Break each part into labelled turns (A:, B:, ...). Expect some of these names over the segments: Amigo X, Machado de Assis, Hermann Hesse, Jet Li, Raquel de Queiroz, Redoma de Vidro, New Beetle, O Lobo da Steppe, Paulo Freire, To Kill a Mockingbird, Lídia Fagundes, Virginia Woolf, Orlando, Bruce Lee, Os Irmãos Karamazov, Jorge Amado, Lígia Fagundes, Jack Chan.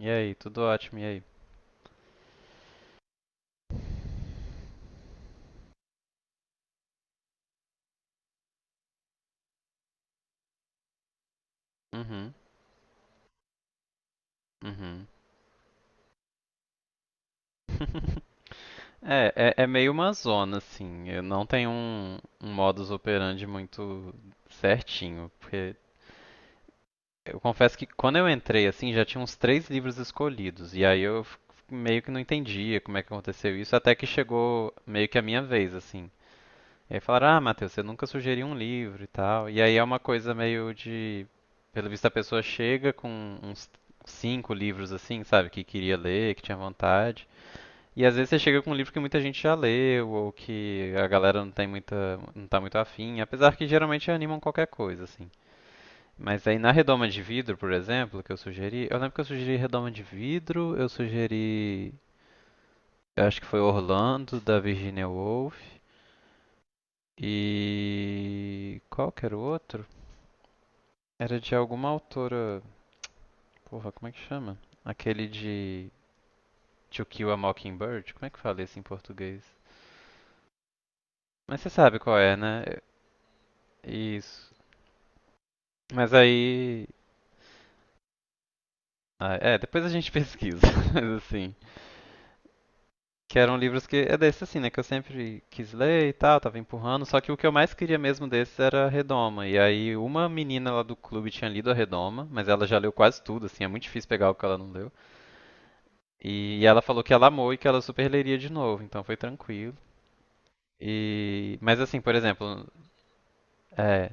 A: E aí, tudo ótimo, e aí? Uhum, uhum. É, meio uma zona, assim. Eu não tenho um modus operandi muito certinho, porque eu confesso que quando eu entrei, assim, já tinha uns três livros escolhidos, e aí meio que não entendia como é que aconteceu isso, até que chegou meio que a minha vez, assim. E aí falaram, ah, Matheus, você nunca sugeriu um livro e tal. E aí é uma coisa meio de. Pelo visto, a pessoa chega com uns cinco livros assim, sabe? Que queria ler, que tinha vontade. E às vezes você chega com um livro que muita gente já leu, ou que a galera não tem muita, não tá muito afim, apesar que geralmente animam qualquer coisa, assim. Mas aí na Redoma de Vidro, por exemplo, que eu sugeri, eu lembro que eu sugeri Redoma de Vidro, eu sugeri, eu acho que foi Orlando, da Virginia Woolf, e qual que era o outro? Era de alguma autora. Porra, como é que chama? Aquele de To Kill a Mockingbird? Como é que fala isso em português? Mas você sabe qual é, né? É, isso. Mas aí. Ah, é, depois a gente pesquisa. Mas assim. Que eram livros que. É desse assim, né? Que eu sempre quis ler e tal, tava empurrando. Só que o que eu mais queria mesmo desses era a Redoma. E aí uma menina lá do clube tinha lido a Redoma, mas ela já leu quase tudo, assim, é muito difícil pegar o que ela não leu. E ela falou que ela amou e que ela super leria de novo, então foi tranquilo. E, mas assim, por exemplo, é,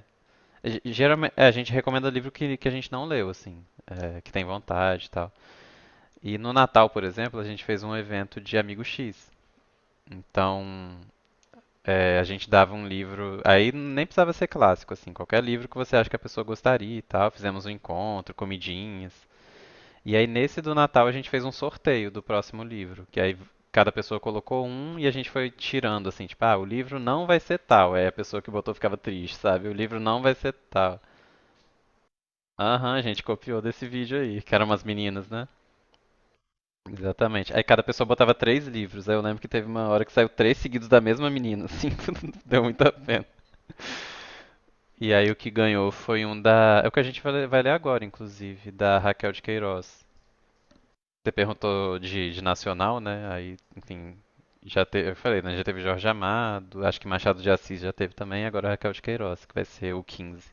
A: geralmente, a gente recomenda livro que a gente não leu, assim, que tem vontade e tal. E no Natal, por exemplo, a gente fez um evento de Amigo X. Então, a gente dava um livro, aí nem precisava ser clássico, assim, qualquer livro que você acha que a pessoa gostaria e tal. Fizemos um encontro, comidinhas. E aí nesse do Natal a gente fez um sorteio do próximo livro, que aí cada pessoa colocou um e a gente foi tirando assim, tipo, ah, o livro não vai ser tal. Aí a pessoa que botou ficava triste, sabe? O livro não vai ser tal. Aham, a gente copiou desse vídeo aí, que eram umas meninas, né? Exatamente. Aí cada pessoa botava três livros. Aí eu lembro que teve uma hora que saiu três seguidos da mesma menina, assim, deu muita pena. E aí o que ganhou foi um da. É o que a gente vai ler agora, inclusive, da Raquel de Queiroz. Você perguntou de nacional, né? Aí, enfim, já teve, eu falei, né? Já teve Jorge Amado, acho que Machado de Assis já teve também, agora Raquel de Queiroz, que vai ser o 15.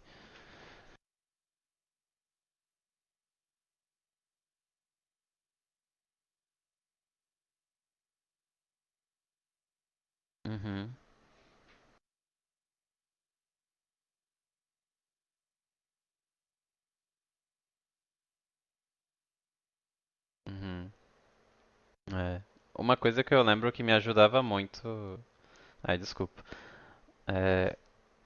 A: Uhum, uhum, é. Uma coisa que eu lembro que me ajudava muito. Ai, desculpa. É,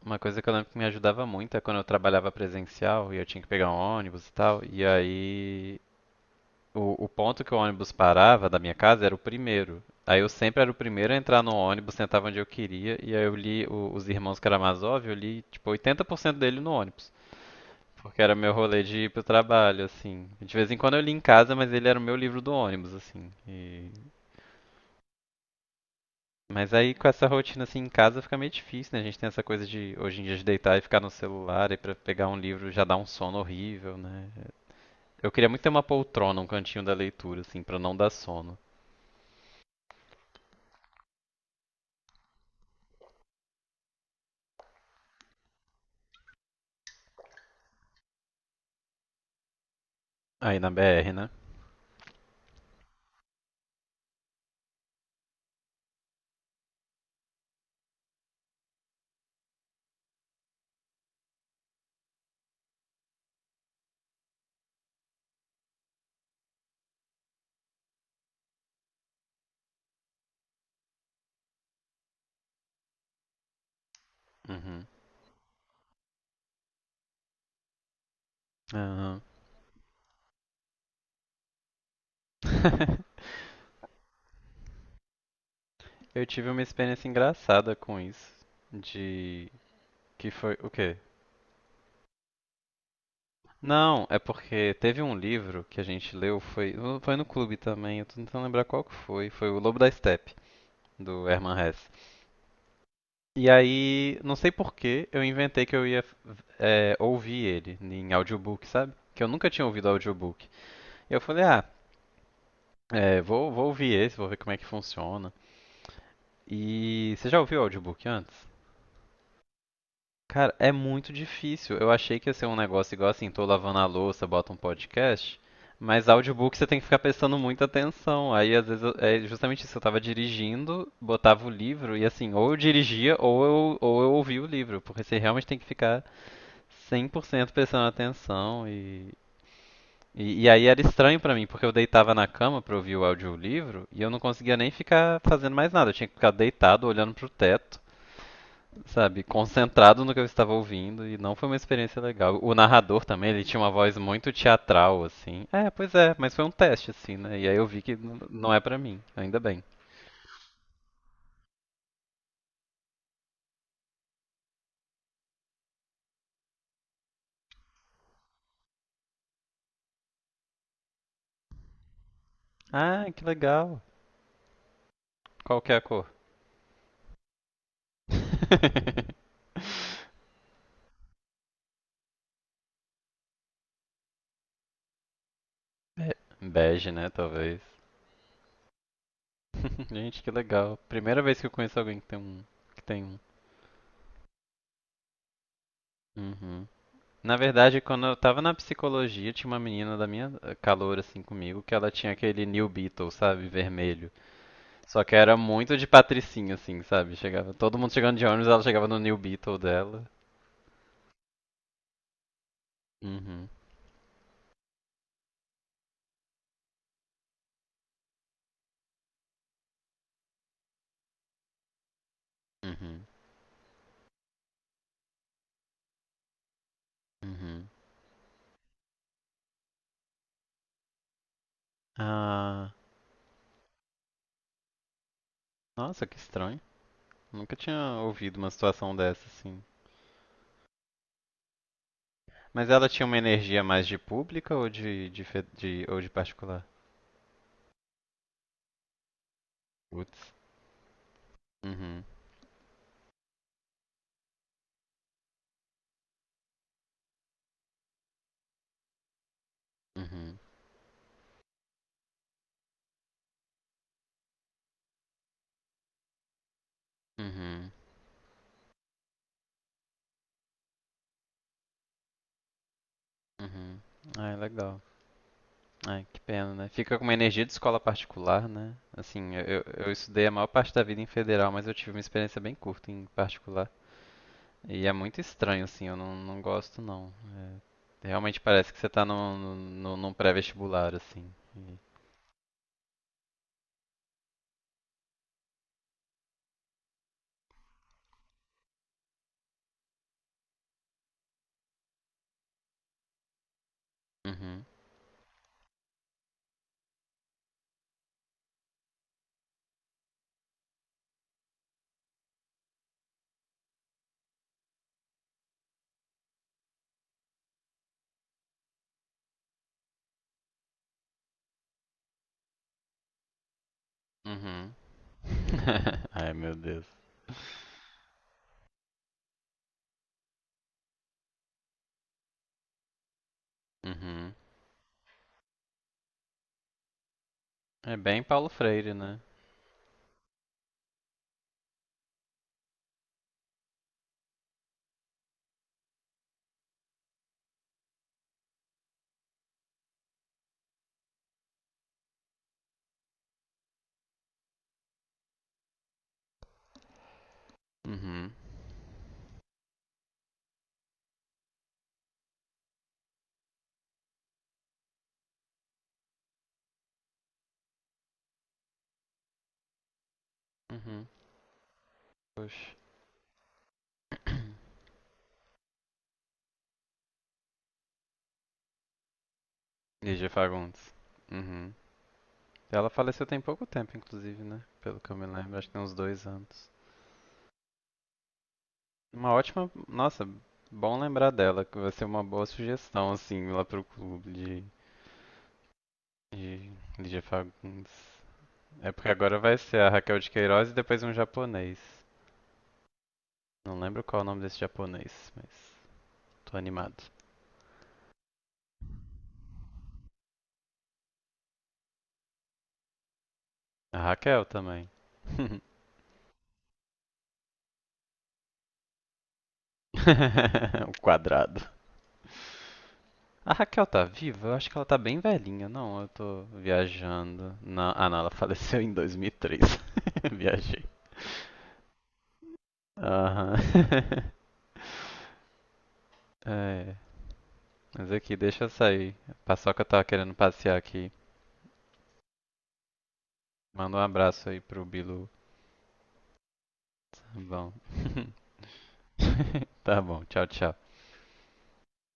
A: uma coisa que eu lembro que me ajudava muito é quando eu trabalhava presencial e eu tinha que pegar um ônibus e tal. E aí o ponto que o ônibus parava da minha casa era o primeiro. Aí eu sempre era o primeiro a entrar no ônibus, sentava onde eu queria, e aí eu li Os Irmãos Karamazov, eu li tipo 80% dele no ônibus. Porque era meu rolê de ir pro trabalho, assim. De vez em quando eu li em casa, mas ele era o meu livro do ônibus, assim. Mas aí com essa rotina assim em casa fica meio difícil, né? A gente tem essa coisa de hoje em dia de deitar e ficar no celular e pra pegar um livro já dá um sono horrível, né? Eu queria muito ter uma poltrona, um cantinho da leitura, assim, pra não dar sono. Aí na BR, né? Uhum. Aham. Eu tive uma experiência engraçada com isso. De. Que foi. O quê? Não, é porque teve um livro que a gente leu, foi, no clube também, eu tô tentando lembrar qual que foi. Foi O Lobo da Steppe, do Hermann Hesse. E aí, não sei por que, eu inventei que eu ia ouvir ele em audiobook, sabe? Que eu nunca tinha ouvido audiobook. E eu falei, ah, vou ouvir esse, vou ver como é que funciona. E você já ouviu audiobook antes? Cara, é muito difícil. Eu achei que ia ser um negócio igual assim, tô lavando a louça, bota um podcast, mas audiobook você tem que ficar prestando muita atenção. Aí às vezes é justamente isso, eu tava dirigindo, botava o livro e assim, ou eu dirigia ou eu ouvia o livro, porque você realmente tem que ficar cem por cento prestando atenção e e aí era estranho pra mim, porque eu deitava na cama pra ouvir o audiolivro e eu não conseguia nem ficar fazendo mais nada. Eu tinha que ficar deitado olhando pro teto, sabe, concentrado no que eu estava ouvindo e não foi uma experiência legal. O narrador também, ele tinha uma voz muito teatral, assim. É, pois é, mas foi um teste, assim, né? E aí eu vi que não é pra mim, ainda bem. Ah, que legal. Qual que é a cor? Be- Bege, né, talvez. Gente, que legal. Primeira vez que eu conheço alguém que tem um. Que tem um. Uhum. Na verdade, quando eu tava na psicologia, tinha uma menina da minha calor, assim, comigo, que ela tinha aquele New Beetle, sabe, vermelho. Só que era muito de patricinha, assim, sabe? Chegava, todo mundo chegando de ônibus, ela chegava no New Beetle dela. Uhum, uhum, uhum. Ah, nossa, que estranho. Nunca tinha ouvido uma situação dessa, assim. Mas ela tinha uma energia mais de pública ou ou de particular? Putz. Uhum, uhum, uhum, uhum. Ai, legal. Ai, que pena, né? Fica com uma energia de escola particular, né? Assim, eu estudei a maior parte da vida em federal, mas eu tive uma experiência bem curta em particular. E é muito estranho, assim, eu não, não gosto não. É, realmente parece que você tá num pré-vestibular, assim. Uhum, uhum. Ai, meu Deus. Uhum. É bem Paulo Freire, né? Uhum, uhum. Poxa. Lígia Fagundes. Uhum. Ela faleceu tem pouco tempo, inclusive, né? Pelo que eu me lembro, acho que tem uns 2 anos. Uma ótima. Nossa, bom lembrar dela, que vai ser uma boa sugestão, assim, lá pro clube. E Lídia Fagundes. É porque agora vai ser a Raquel de Queiroz e depois um japonês. Não lembro qual é o nome desse japonês, mas tô animado. A Raquel também. O quadrado. A Raquel tá viva? Eu acho que ela tá bem velhinha. Não, eu tô viajando. Não, ah, não, ela faleceu em 2003. Viajei. Aham. É, mas aqui, deixa eu sair. A Paçoca tava querendo passear aqui. Manda um abraço aí pro Bilu. Tá bom. Tá bom, tchau, tchau.